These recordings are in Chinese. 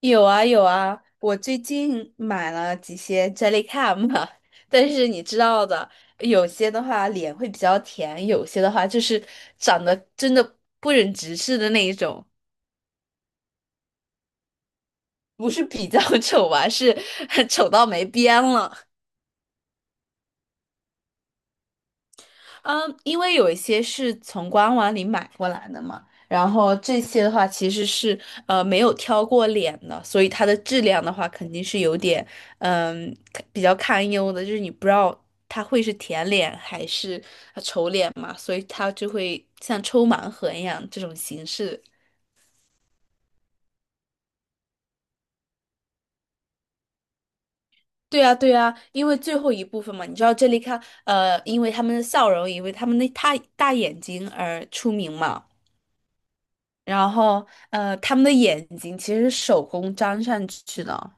有啊有啊，我最近买了几些 Jellycam，但是你知道的，有些的话脸会比较甜，有些的话就是长得真的不忍直视的那一种，不是比较 丑吧，是 丑到没边了。嗯，因为有一些是从官网里买过来的嘛，然后这些的话其实是没有挑过脸的，所以它的质量的话肯定是有点嗯比较堪忧的，就是你不知道它会是甜脸还是丑脸嘛，所以它就会像抽盲盒一样这种形式。对啊，对啊，因为最后一部分嘛，你知道这里看因为他们的笑容，因为他们的大大眼睛而出名嘛。然后他们的眼睛其实是手工粘上去的。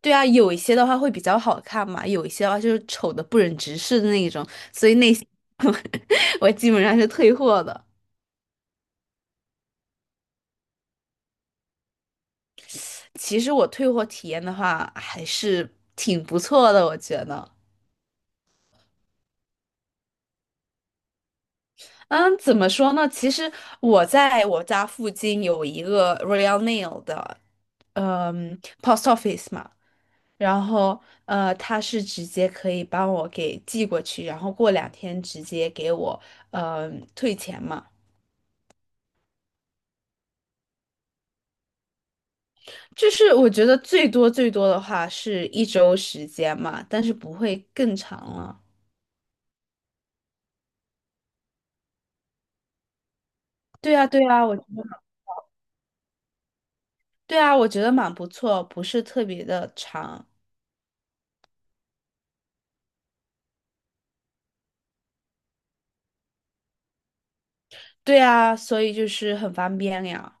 对啊，有一些的话会比较好看嘛，有一些的话就是丑的不忍直视的那一种，所以那些 我基本上是退货的。其实我退货体验的话还是挺不错的，我觉得。嗯，怎么说呢？其实我在我家附近有一个 Royal Nail 的，嗯，post office 嘛。然后他是直接可以帮我给寄过去，然后过2天直接给我退钱嘛。就是我觉得最多最多的话是1周时间嘛，但是不会更长了。对啊，对啊，我觉得，对啊，我觉得蛮不错，不是特别的长。对啊，所以就是很方便呀。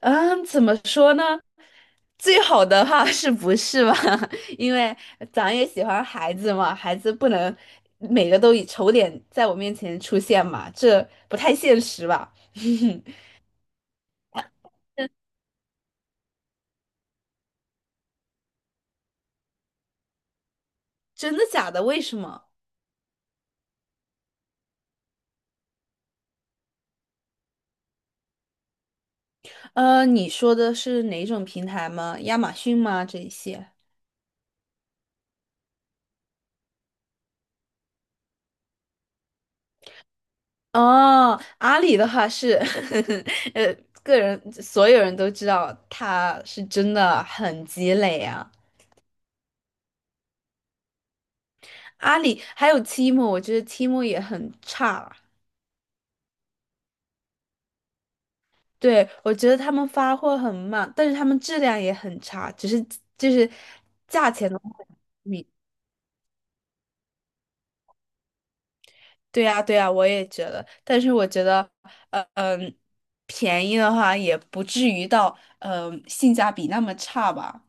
嗯，怎么说呢？最好的话 是不是吧？因为咱也喜欢孩子嘛，孩子不能每个都以丑脸在我面前出现嘛，这不太现实吧？真的假的？为什么？你说的是哪种平台吗？亚马逊吗？这一些？哦，阿里的话是，呃，个人所有人都知道他是真的很积累啊。阿里还有提莫，我觉得提莫也很差。对，我觉得他们发货很慢，但是他们质量也很差，只是就是价钱的话，你对呀对呀，我也觉得。但是我觉得，呃嗯，便宜的话也不至于到性价比那么差吧。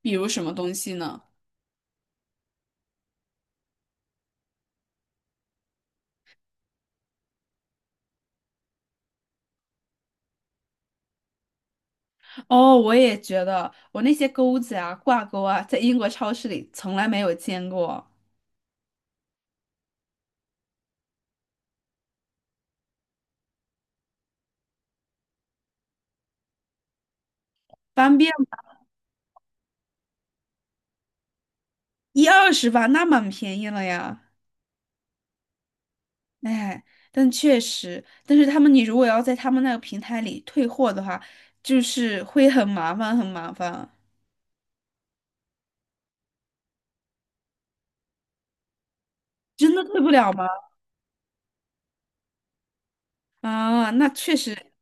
比如什么东西呢？哦，我也觉得，我那些钩子啊、挂钩啊，在英国超市里从来没有见过，方便吧，一二十吧，那蛮便宜了呀。哎，但确实，但是他们你如果要在他们那个平台里退货的话，就是会很麻烦，很麻烦。真的退不了吗？啊，那确实，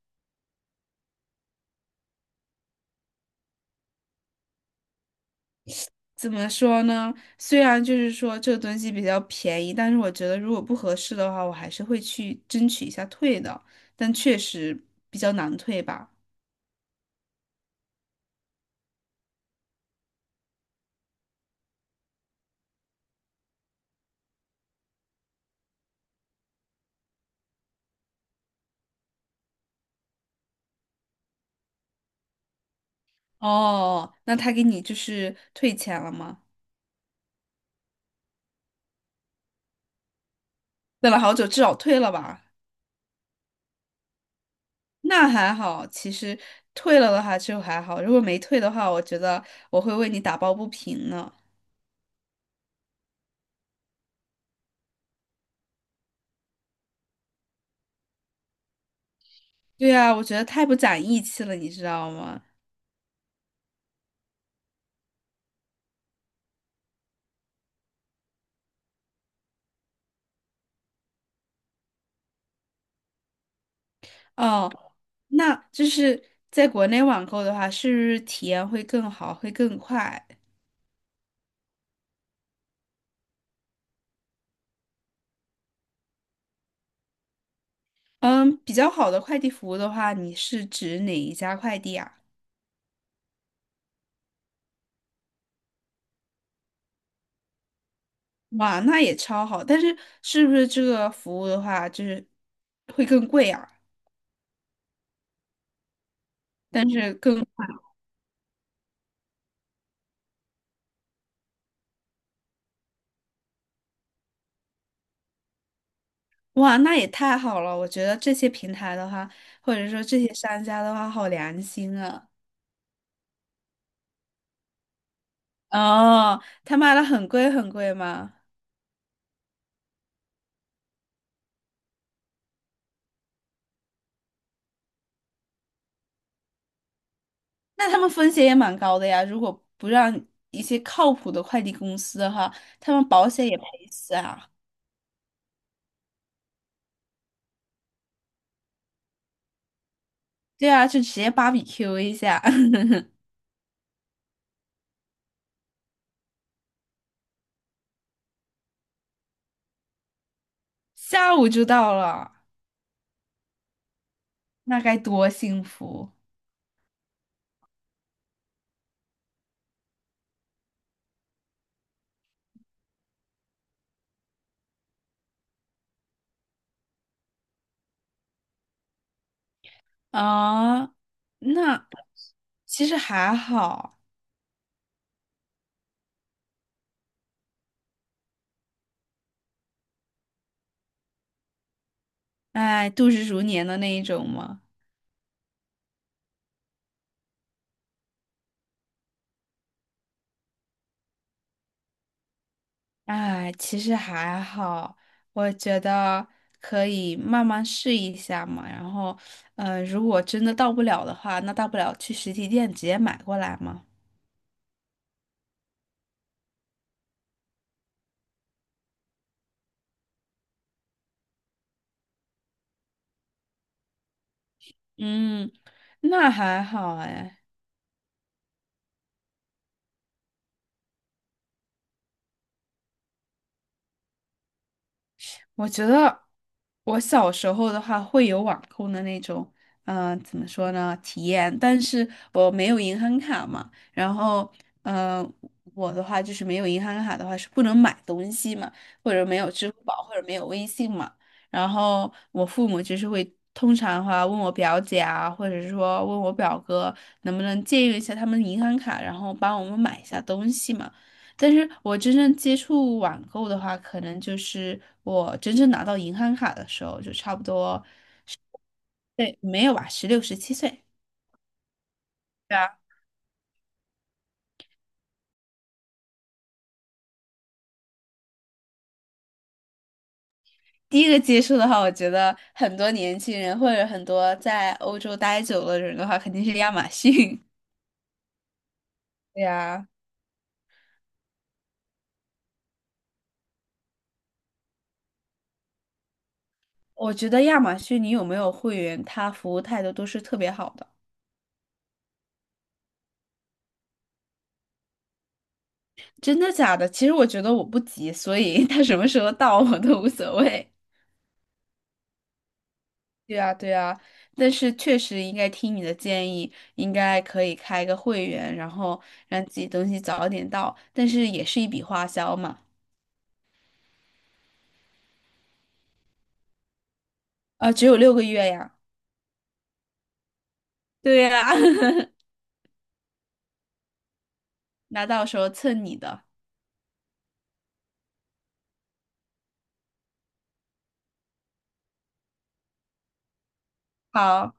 怎么说呢？虽然就是说这个东西比较便宜，但是我觉得如果不合适的话，我还是会去争取一下退的。但确实比较难退吧。哦，那他给你就是退钱了吗？等了好久，至少退了吧。那还好，其实退了的话就还好，如果没退的话，我觉得我会为你打抱不平呢。对啊，我觉得太不讲义气了，你知道吗？哦，那就是在国内网购的话，是不是体验会更好，会更快？嗯，比较好的快递服务的话，你是指哪一家快递啊？哇，那也超好，但是是不是这个服务的话，就是会更贵啊？哇，那也太好了！我觉得这些平台的话，或者说这些商家的话，好良心啊。哦，他卖的很贵很贵吗？那他们风险也蛮高的呀。如果不让一些靠谱的快递公司的话，他们保险也赔死啊。对啊，就直接芭比 Q 一下，下午就到了，那该多幸福啊！那其实还好，哎，度日如年的那一种嘛。哎，其实还好，我觉得可以慢慢试一下嘛。然后，嗯，如果真的到不了的话，那大不了去实体店直接买过来嘛。嗯，那还好哎。我觉得我小时候的话会有网购的那种，怎么说呢，体验，但是我没有银行卡嘛，然后，嗯、我的话就是没有银行卡的话是不能买东西嘛，或者没有支付宝或者没有微信嘛，然后我父母就是会通常的话问我表姐啊，或者是说问我表哥能不能借用一下他们银行卡，然后帮我们买一下东西嘛。但是我真正接触网购的话，可能就是我真正拿到银行卡的时候，就差不多，对，没有吧，16、17岁，对啊。第一个接触的话，我觉得很多年轻人或者很多在欧洲待久了的人的话，肯定是亚马逊。对呀，我觉得亚马逊你有没有会员，他服务态度都是特别好的。真的假的？其实我觉得我不急，所以 他什么时候到我都无所谓。对啊，对啊，但是确实应该听你的建议，应该可以开一个会员，然后让自己东西早点到，但是也是一笔花销嘛。啊，只有6个月呀。对呀，那到时候蹭你的。好。